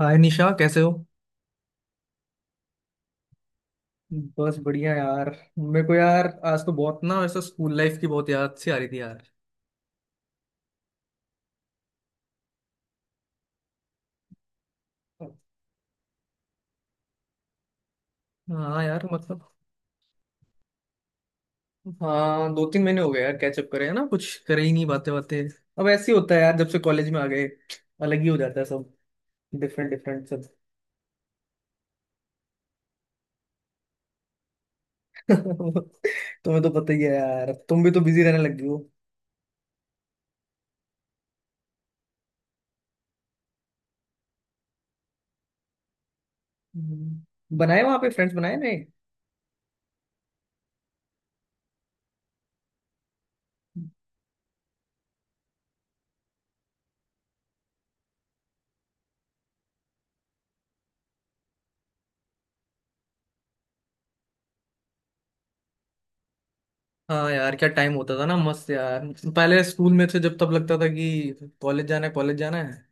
हाय निशा कैसे हो। बस बढ़िया यार। मेरे को यार आज तो बहुत ना वैसे स्कूल लाइफ की बहुत याद सी आ रही थी यार। हाँ यार, मतलब हाँ 2-3 महीने हो गए यार, कैचअप करे है ना, कुछ करे ही नहीं, बातें बातें। अब ऐसे ही होता है यार, जब से कॉलेज में आ गए अलग ही हो जाता है सब। डिफरेंट डिफरेंट सब। तुम्हें तो पता ही है यार, तुम भी तो बिजी रहने लग गई हो। हम्म। बनाए वहां पे फ्रेंड्स बनाए नहीं? हाँ यार, क्या टाइम होता था ना, मस्त यार। पहले स्कूल में थे जब, तब लगता था कि कॉलेज जाना है कॉलेज जाना है।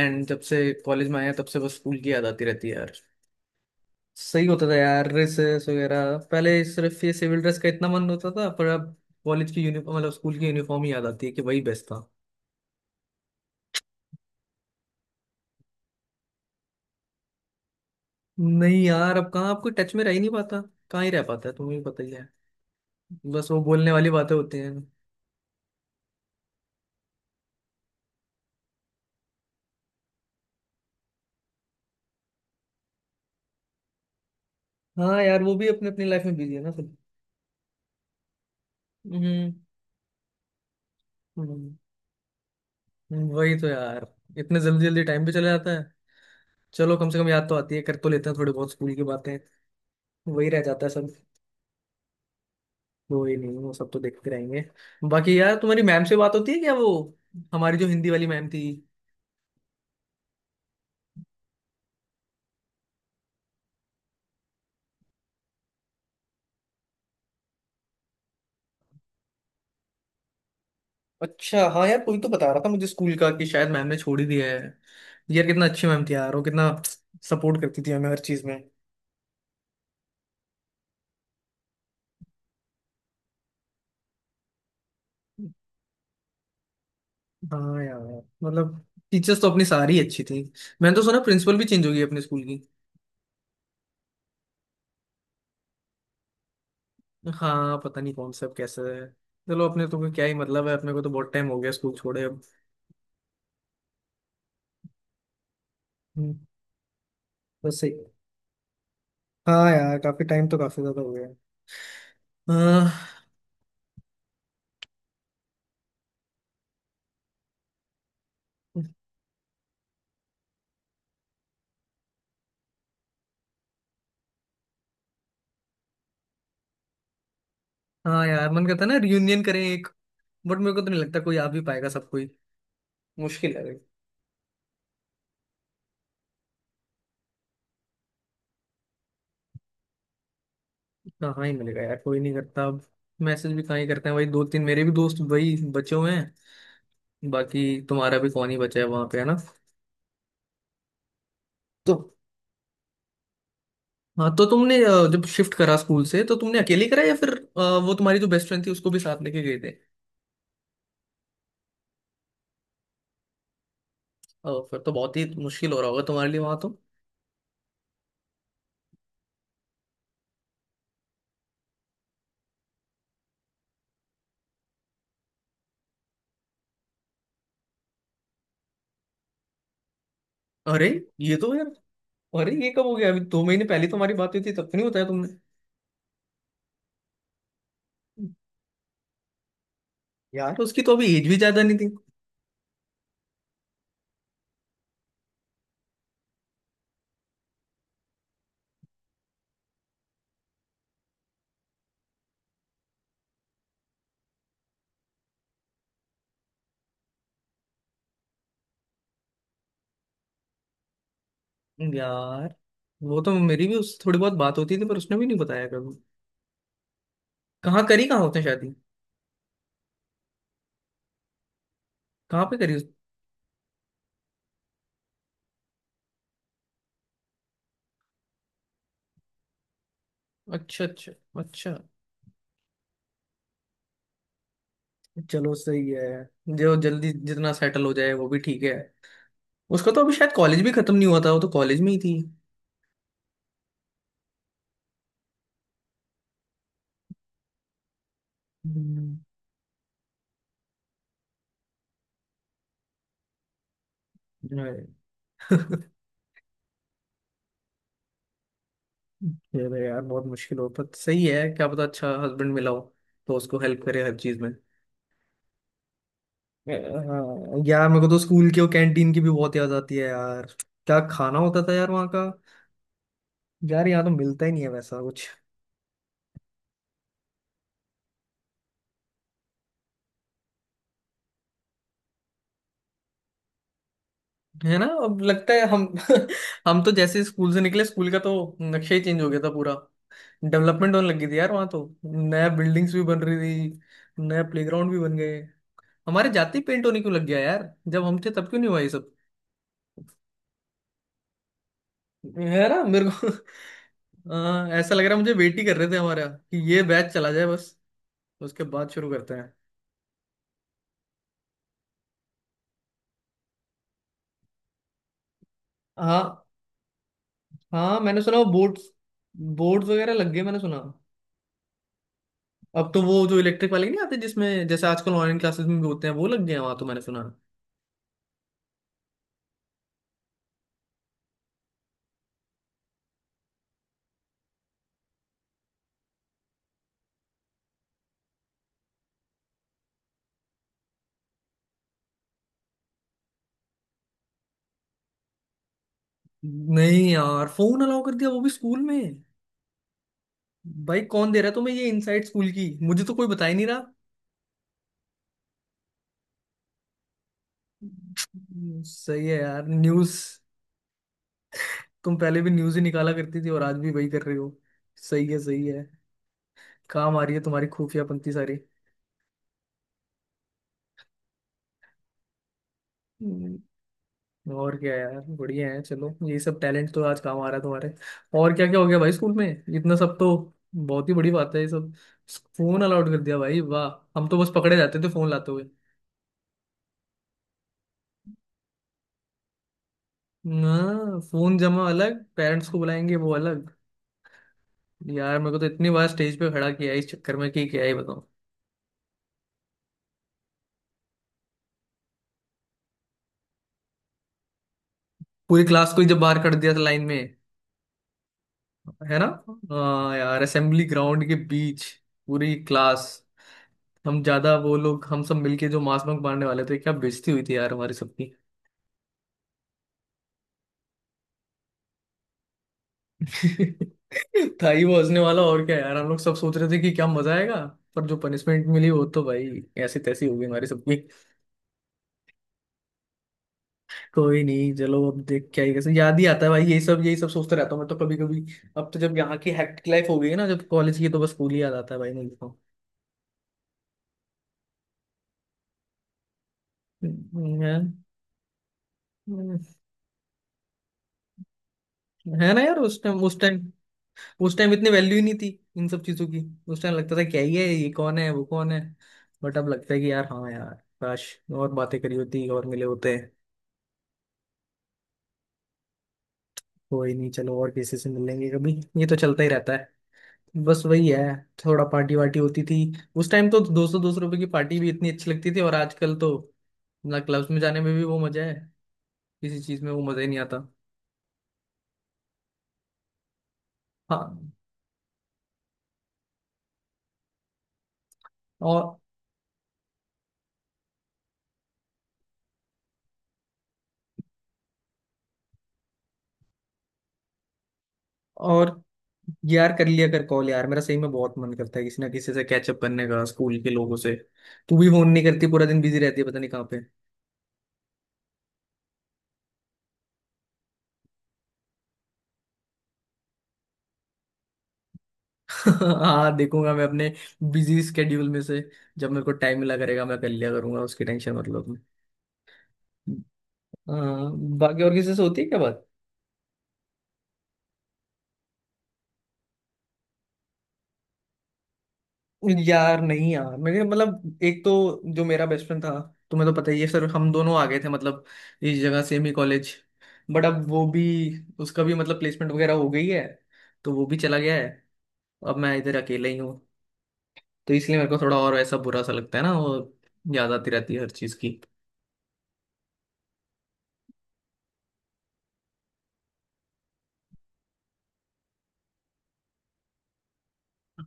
एंड जब से कॉलेज में आया तब से बस स्कूल की याद आती रहती है यार। सही होता था यार, ड्रेसेस वगैरह पहले सिर्फ ये सिविल ड्रेस का इतना मन होता था, पर अब कॉलेज की यूनिफॉर्म मतलब स्कूल की यूनिफॉर्म ही याद आती है कि वही बेस्ट था। नहीं यार, अब कहाँ आपको टच में रह ही नहीं पाता। कहाँ ही रह पाता है, तुम्हें भी पता ही है। बस वो बोलने वाली बातें होती हैं। हाँ यार, वो भी अपनी अपनी लाइफ में बिजी है ना सब। हम्म। हम्म, वही तो यार। इतने जल्दी जल्दी टाइम भी चला जाता है। चलो कम से कम याद तो आती है, कर तो लेते हैं थोड़ी बहुत स्कूल की बातें। वही रह जाता है सब। कोई नहीं, वो सब तो देखते रहेंगे। बाकी यार, तुम्हारी मैम से बात होती है क्या वो, हमारी जो हिंदी वाली मैम थी? अच्छा, हाँ यार कोई तो बता रहा था मुझे स्कूल का कि शायद मैम ने छोड़ ही दिया है। यार कितना अच्छी मैम थी यार वो, कितना सपोर्ट करती थी हमें हर चीज में। हाँ यार, मतलब टीचर्स तो अपनी सारी अच्छी थी। मैंने तो सुना प्रिंसिपल भी चेंज हो गई अपने स्कूल की। हाँ, पता नहीं कौन सा अब, कैसा है। चलो अपने तो कोई क्या ही मतलब है, अपने को तो बहुत टाइम हो गया स्कूल छोड़े अब। हम्म, बस सही। हाँ यार काफी टाइम तो काफी ज्यादा हो गया है। हाँ। हाँ यार, मन करता है ना रियूनियन करें एक। बट मेरे को तो नहीं लगता कोई आ भी पाएगा, सब कोई मुश्किल है। कहाँ ही मिलेगा यार, कोई नहीं करता अब। मैसेज भी कहाँ ही करते हैं, वही दो तीन मेरे भी दोस्त वही बचे हुए हैं, बाकी। तुम्हारा भी कौन ही बचा है वहां पे, है ना? तो हाँ, तो तुमने जब शिफ्ट करा स्कूल से तो तुमने अकेले करा, या फिर वो तुम्हारी जो बेस्ट फ्रेंड थी उसको भी साथ लेके गए थे? फिर तो बहुत ही मुश्किल हो रहा होगा तुम्हारे लिए वहां तो। अरे, ये तो यार। अरे ये कब हो गया? अभी 2 महीने पहले तुम्हारी बात हुई थी तब तो नहीं बताया तुमने। यार उसकी तो अभी एज भी ज्यादा नहीं थी। यार वो तो मेरी भी उससे थोड़ी बहुत बात होती थी, पर उसने भी नहीं बताया कभी। कहाँ करी कहाँ उसने शादी? कहाँ पे करी? अच्छा अच्छा। अच्छा, चलो सही है। जो जल्दी जितना सेटल हो जाए वो भी ठीक है। उसका तो अभी शायद कॉलेज भी खत्म नहीं हुआ था, वो तो कॉलेज में ही थी। हम्म। अरे, ये तो यार बहुत मुश्किल हो, पर सही है, क्या पता अच्छा हस्बैंड मिला हो तो उसको हेल्प करे हर चीज में। हाँ, यार मेरे को तो स्कूल के और कैंटीन की भी बहुत याद आती है यार। क्या खाना होता था यार वहाँ का। यार यहाँ तो मिलता ही नहीं है वैसा कुछ। है ना, अब लगता है हम हम तो जैसे स्कूल से निकले, स्कूल का तो नक्शा ही चेंज हो गया था पूरा। डेवलपमेंट होने लगी थी यार वहाँ तो। नया बिल्डिंग्स भी बन रही थी, नया प्लेग्राउंड भी बन गए। हमारे जाते ही पेंट होने क्यों लग गया यार, जब हम थे तब क्यों नहीं हुआ ये सब? है ना मेरे को। हाँ, ऐसा लग रहा है मुझे वेट ही कर रहे थे हमारा कि ये बैच चला जाए बस, उसके बाद शुरू करते हैं। हाँ। हाँ मैंने सुना वो बोर्ड्स, बोर्ड्स वगैरह लग गए मैंने सुना। अब तो वो जो इलेक्ट्रिक वाले नहीं आते जिसमें जैसे आजकल ऑनलाइन क्लासेस में भी होते हैं, वो लग गए हैं वहां तो, मैंने सुना। नहीं यार, फोन अलाउ कर दिया वो भी स्कूल में। भाई कौन दे रहा है तुम्हें ये इनसाइड स्कूल की, मुझे तो कोई बता ही नहीं रहा। सही है यार न्यूज। तुम पहले भी न्यूज ही निकाला करती थी और आज भी वही कर रही हो। सही है, सही है। काम आ रही है तुम्हारी खुफिया पंक्ति सारी। और क्या यार, बढ़िया है। चलो ये सब टैलेंट तो आज काम आ रहा है तुम्हारे। और क्या क्या हो गया भाई स्कूल में, इतना सब तो बहुत ही बड़ी बात है ये सब। फोन अलाउड कर दिया, भाई वाह। हम तो बस पकड़े जाते थे फोन लाते हुए। हाँ फोन जमा अलग, पेरेंट्स को बुलाएंगे वो अलग। यार मेरे को तो इतनी बार स्टेज पे खड़ा किया है इस चक्कर में कि क्या ही बताऊं। पूरी क्लास को ही जब बाहर कर दिया था लाइन में, है ना? हाँ यार, असेंबली ग्राउंड के बीच पूरी क्लास। हम ज्यादा वो लोग, हम सब मिलके जो मास बंक मारने वाले थे, क्या बेइज्जती हुई थी यार हमारी सबकी। था ही वो हंसने वाला, और क्या यार, हम लोग सब सोच रहे थे कि क्या मजा आएगा, पर जो पनिशमेंट मिली वो तो भाई ऐसी तैसी हो गई हमारी सबकी। कोई नहीं, चलो अब देख क्या ही, कैसे याद ही आता है भाई, यही सब सोचते रहता हूँ मैं तो कभी कभी। अब तो जब यहाँ की हेक्टिक लाइफ हो गई है ना जब कॉलेज की, तो बस स्कूल ही याद आता है भाई मुझे तो। है। हम्म, है ना यार, उस टाइम उस टाइम उस टाइम इतनी वैल्यू ही नहीं थी इन सब चीजों की। उस टाइम लगता था क्या ही है, ये कौन है वो कौन है, बट अब लगता है कि यार हाँ यार, काश और बातें करी होती और मिले होते। कोई नहीं, चलो और किसी से मिल लेंगे कभी, ये तो चलता ही रहता है। बस वही है, थोड़ा पार्टी वार्टी होती थी। उस टाइम तो ₹200-200 की पार्टी भी इतनी अच्छी लगती थी, और आजकल तो ना क्लब्स में जाने में भी वो मजा है, किसी चीज में वो मजा ही नहीं आता। हाँ। और और यार, कर लिया कर कॉल यार, मेरा सही में बहुत मन करता है किसी ना किसी से कैचअप करने का स्कूल के लोगों से। तू भी फोन नहीं करती, पूरा दिन बिजी रहती है पता नहीं कहाँ पे। हाँ देखूंगा मैं अपने बिजी स्केड्यूल में से, जब मेरे को टाइम मिला करेगा मैं कर लिया करूंगा, उसकी टेंशन मतलब। हाँ। बाकी और किसी से होती है क्या बात? यार नहीं यार, मेरे मतलब एक तो जो मेरा बेस्ट फ्रेंड था, तुम्हें तो पता ही है सर, हम दोनों आ गए थे मतलब इस जगह सेम ही कॉलेज, बट अब वो भी, उसका भी मतलब प्लेसमेंट वगैरह हो गई है, तो वो भी चला गया है। अब मैं इधर अकेले ही हूँ, तो इसलिए मेरे को थोड़ा और ऐसा बुरा सा लगता है ना वो, याद आती रहती है हर चीज़ की।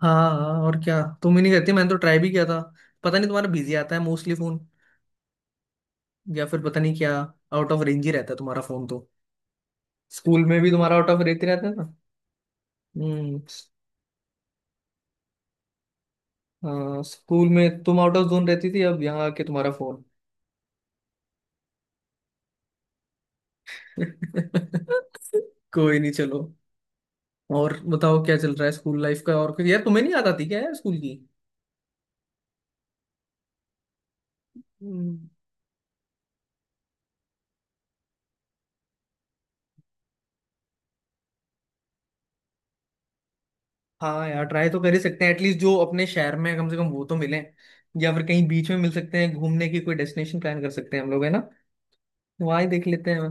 हाँ, हाँ, और क्या, तुम ही नहीं करती, मैंने तो ट्राई भी किया था। पता नहीं तुम्हारा बिजी आता है मोस्टली फोन, या फिर पता नहीं क्या, आउट ऑफ रेंज ही रहता है तुम्हारा फोन तो। स्कूल में भी तुम्हारा आउट ऑफ रहती रहता था। हम्म। हाँ, स्कूल में तुम आउट ऑफ जोन रहती थी, अब यहाँ आके तुम्हारा फोन कोई नहीं चलो। और बताओ, क्या चल रहा है स्कूल लाइफ का? और कुछ यार तुम्हें नहीं याद आती क्या यार स्कूल की? हम्म, हाँ यार, ट्राई तो कर ही सकते हैं एटलीस्ट, जो अपने शहर में है, कम से कम वो तो मिले। या फिर कहीं बीच में मिल सकते हैं, घूमने की कोई डेस्टिनेशन प्लान कर सकते हैं हम लोग, है ना? वहाँ ही देख लेते हैं।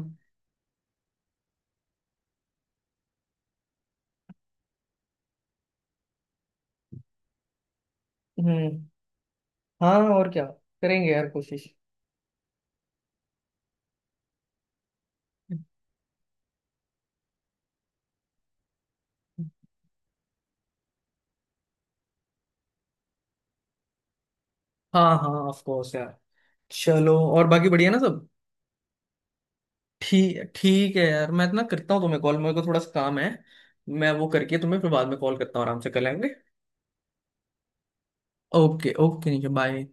हम्म। हाँ और क्या, करेंगे यार कोशिश। हाँ हाँ ऑफ कोर्स यार। चलो और बाकी बढ़िया ना सब? ठीक ठीक है यार, मैं ना करता हूँ तुम्हें कॉल, मेरे को थोड़ा सा काम है, मैं वो करके तुम्हें फिर बाद में कॉल करता हूँ, आराम से कर लेंगे। ओके ओके, नीचे बाय।